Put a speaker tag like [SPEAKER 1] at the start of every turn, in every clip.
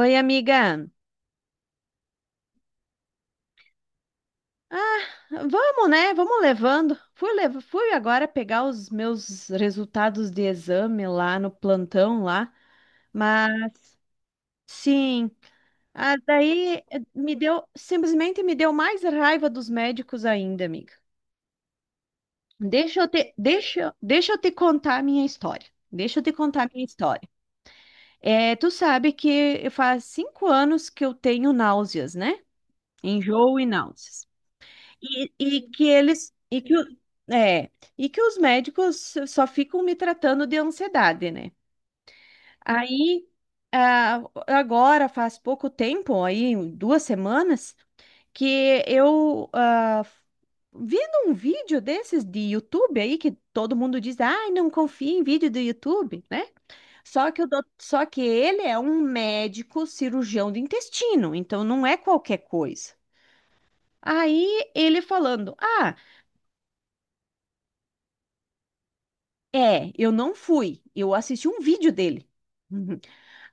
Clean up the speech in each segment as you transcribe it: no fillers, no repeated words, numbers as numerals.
[SPEAKER 1] Oi, amiga. Ah, vamos, né? Vamos levando. Fui agora pegar os meus resultados de exame lá no plantão lá, mas sim. Ah, daí me deu, simplesmente me deu mais raiva dos médicos ainda, amiga. Deixa eu te contar a minha história. Deixa eu te contar a minha história. É, tu sabe que faz 5 anos que eu tenho náuseas, né? Enjoo e náuseas. E que eles e que, o- é, e que os médicos só ficam me tratando de ansiedade, né? Aí ah, agora faz pouco tempo, aí 2 semanas, que eu vendo um vídeo desses de YouTube aí que todo mundo diz, ai, não confia em vídeo do YouTube, né? Só que ele é um médico cirurgião do intestino, então não é qualquer coisa. Aí ele falando. É, eu não fui, eu assisti um vídeo dele. Uhum.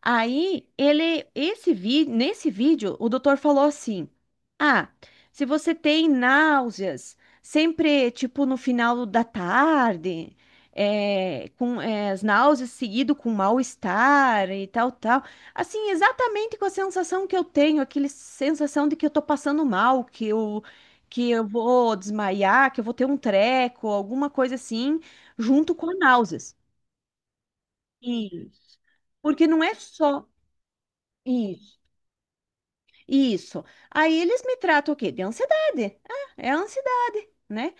[SPEAKER 1] Aí ele, esse vi, nesse vídeo, o doutor falou assim: Ah, se você tem náuseas, sempre tipo no final da tarde, as náuseas seguido com mal-estar e tal, tal. Assim, exatamente com a sensação que eu tenho, aquela sensação de que eu tô passando mal, que eu vou desmaiar, que eu vou ter um treco, alguma coisa assim junto com náuseas. Isso. Porque não é só isso. Isso. Aí eles me tratam o quê? De ansiedade. Ah, é ansiedade, né?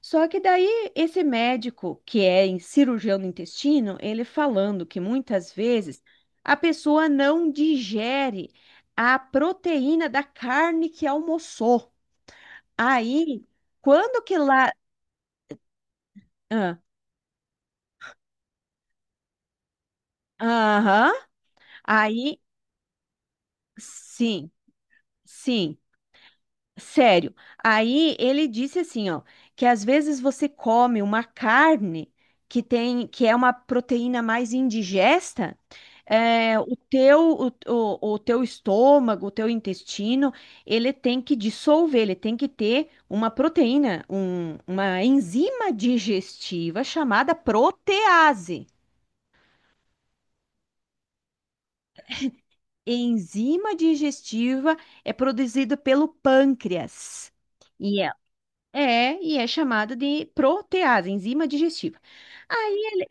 [SPEAKER 1] Só que daí esse médico, que é cirurgião do intestino, ele falando que muitas vezes a pessoa não digere a proteína da carne que almoçou. Aí, quando que lá. Ah. Aham. Aí, sim, sim. Sério. Aí ele disse assim, ó, que às vezes você come uma carne que tem, que é uma proteína mais indigesta, é, o teu estômago, o teu intestino, ele tem que dissolver, ele tem que ter uma proteína, uma enzima digestiva chamada protease. Enzima digestiva é produzida pelo pâncreas. E e é chamada de protease, enzima digestiva. Aí,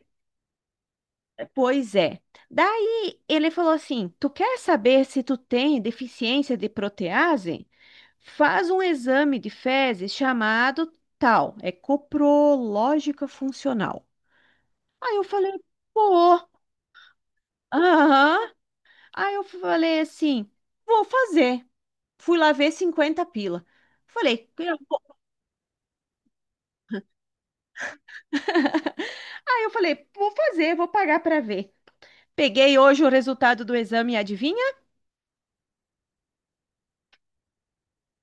[SPEAKER 1] pois é. Daí ele falou assim: Tu quer saber se tu tem deficiência de protease? Faz um exame de fezes chamado tal, é coprológica funcional. Aí eu falei: Pô, aham. Aí eu falei assim: Vou fazer. Fui lá ver 50 pila. Falei, eu- Aí eu falei, vou fazer, vou pagar para ver. Peguei hoje o resultado do exame, adivinha?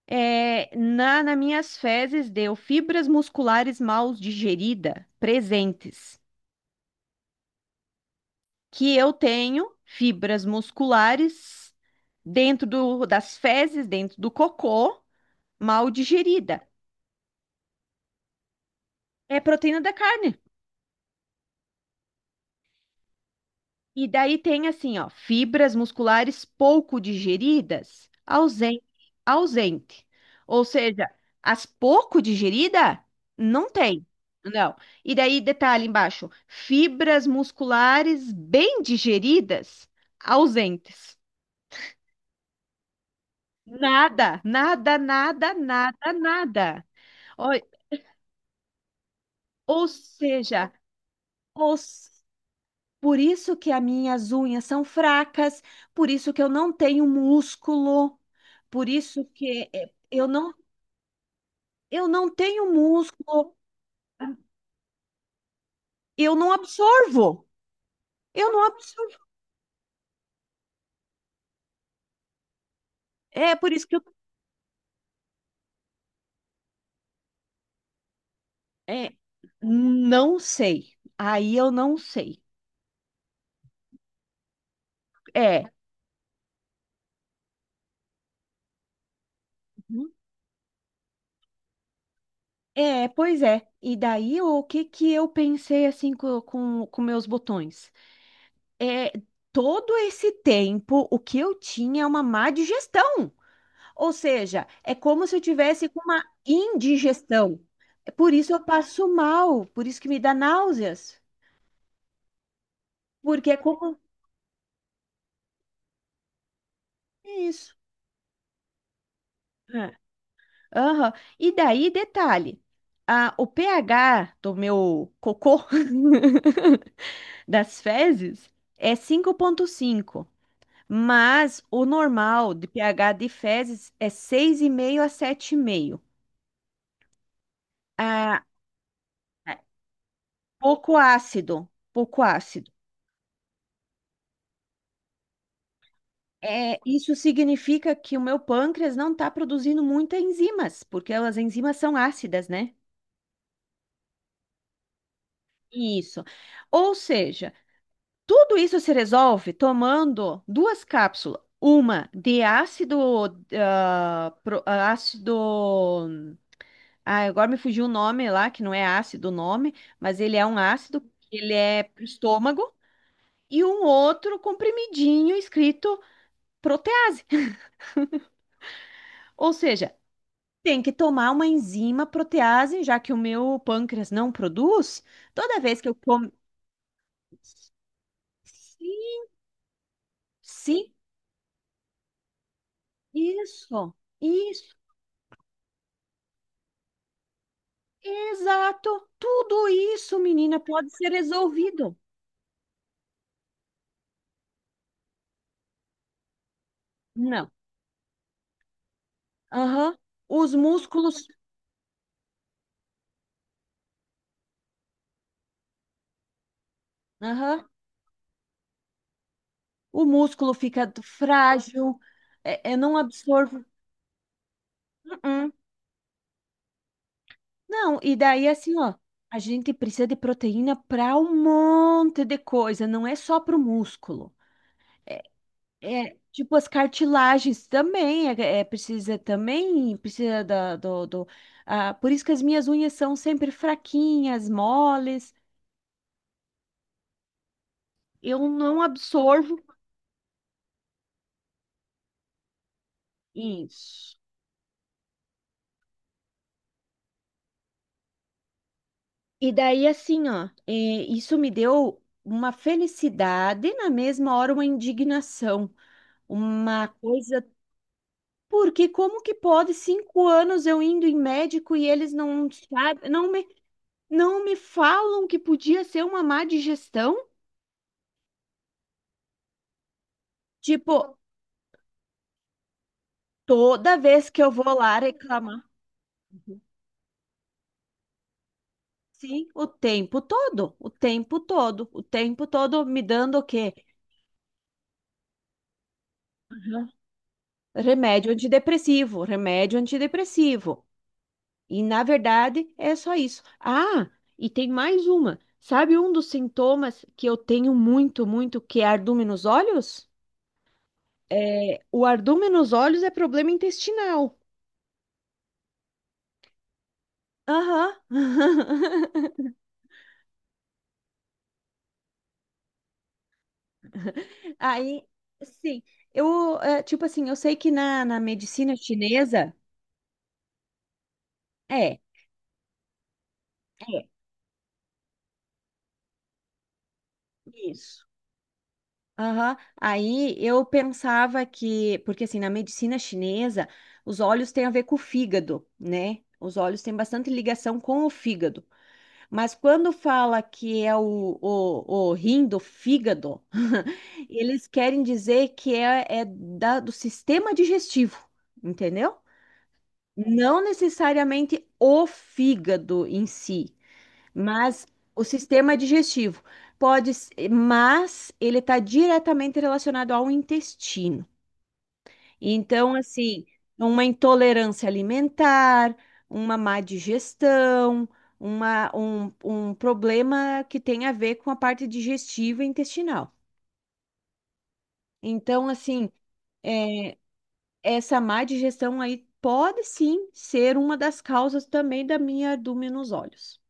[SPEAKER 1] É, na, nas minhas fezes deu fibras musculares mal digerida presentes, que eu tenho fibras musculares dentro das fezes, dentro do cocô, mal digerida. É proteína da carne. E daí tem assim, ó, fibras musculares pouco digeridas, ausente, ausente. Ou seja, as pouco digerida não tem. Não. E daí detalhe embaixo, fibras musculares bem digeridas, ausentes. Nada, nada, nada, nada, nada. Ou, ou seja, ou Por isso que as minhas unhas são fracas, por isso que eu não tenho músculo, por isso que eu não tenho músculo, eu não absorvo, eu não absorvo. É por isso que eu é, não sei. Aí eu não sei. É. Uhum. É, pois é. E daí o que que eu pensei assim com meus botões? É, todo esse tempo o que eu tinha é uma má digestão. Ou seja, é como se eu tivesse com uma indigestão. É, por isso eu passo mal, por isso que me dá náuseas, porque é como isso. É. Aham. E daí, detalhe, o pH do meu cocô, das fezes, é 5,5, mas o normal de pH de fezes é 6,5 a 7,5. Ah, é pouco ácido, pouco ácido. É, isso significa que o meu pâncreas não está produzindo muitas enzimas, porque as enzimas são ácidas, né? Isso. Ou seja, tudo isso se resolve tomando duas cápsulas, uma de ácido, ácido, agora me fugiu o nome lá, que não é ácido o nome, mas ele é um ácido, ele é pro estômago, e um outro comprimidinho escrito protease. Ou seja, tem que tomar uma enzima protease, já que o meu pâncreas não produz. Toda vez que eu como. Sim, sim, isso, isso, exato. Tudo isso, menina, pode ser resolvido. Não. Aham. Os músculos. Aham. O músculo fica frágil. É, eu não absorvo. Uh-uh. Não, e daí assim, ó. A gente precisa de proteína para um monte de coisa, não é só para o músculo. É, tipo, as cartilagens também, precisa também, precisa da, do, do- ah, por isso que as minhas unhas são sempre fraquinhas, moles, eu não absorvo isso. E daí, assim, ó, é, isso me deu uma felicidade, e na mesma hora, uma indignação, uma coisa, porque como que pode 5 anos eu indo em médico e eles não sabem, não me, não me falam que podia ser uma má digestão? Tipo, toda vez que eu vou lá reclamar, sim, o tempo todo, o tempo todo, o tempo todo me dando o quê? Aham. Remédio antidepressivo, remédio antidepressivo. E na verdade é só isso. Ah, e tem mais uma. Sabe um dos sintomas que eu tenho muito, muito, que é ardume nos olhos? É, o ardume nos olhos é problema intestinal. Aham. Aí, sim, tipo assim, eu sei que na, medicina chinesa. É, é, isso. Aham. Aí eu pensava que, porque assim, na medicina chinesa, os olhos têm a ver com o fígado, né? Os olhos têm bastante ligação com o fígado. Mas quando fala que é o rim do fígado, eles querem dizer que do sistema digestivo, entendeu? Não necessariamente o fígado em si. Mas o sistema digestivo mas ele está diretamente relacionado ao intestino. Então, assim, uma intolerância alimentar, uma má digestão, um problema que tem a ver com a parte digestiva e intestinal. Então, assim, é, essa má digestão aí pode sim ser uma das causas também da minha ardúmina nos olhos,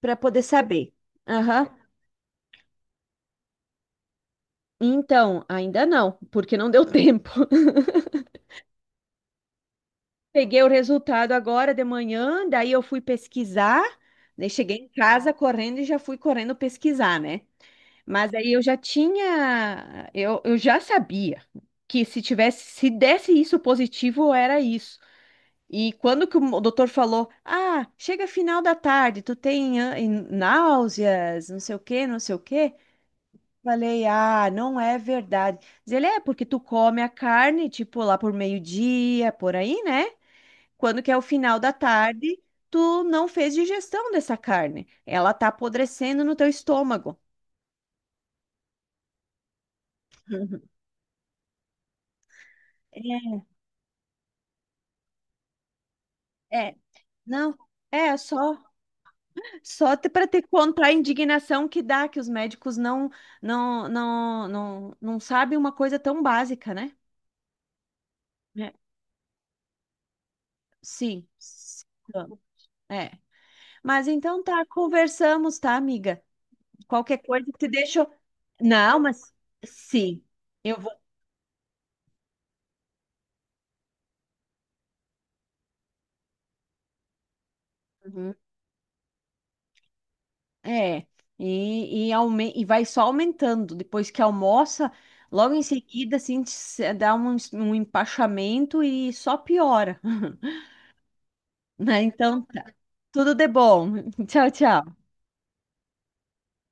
[SPEAKER 1] para poder saber. Aham. Então, ainda não, porque não deu tempo. Peguei o resultado agora de manhã, daí eu fui pesquisar, né? Cheguei em casa correndo e já fui correndo pesquisar, né? Mas aí eu já sabia que se tivesse, se desse isso positivo, era isso. E quando que o doutor falou, ah, chega final da tarde, tu tem náuseas, não sei o quê, não sei o quê. Falei, ah, não é verdade. Diz ele, é porque tu come a carne, tipo, lá por meio-dia, por aí, né? Quando que é o final da tarde, tu não fez digestão dessa carne. Ela tá apodrecendo no teu estômago. É, não, é só para te contar a indignação que dá, que os médicos não, não, não, não, não sabem uma coisa tão básica, né? É. Sim, sim, é. Mas então tá, conversamos, tá, amiga? Qualquer coisa que te deixa. Não, mas sim, eu vou. Uhum. É, e vai só aumentando. Depois que almoça, logo em seguida, assim, te se- dá um empachamento e só piora. Né? Então, tá. Tudo de bom. Tchau, tchau.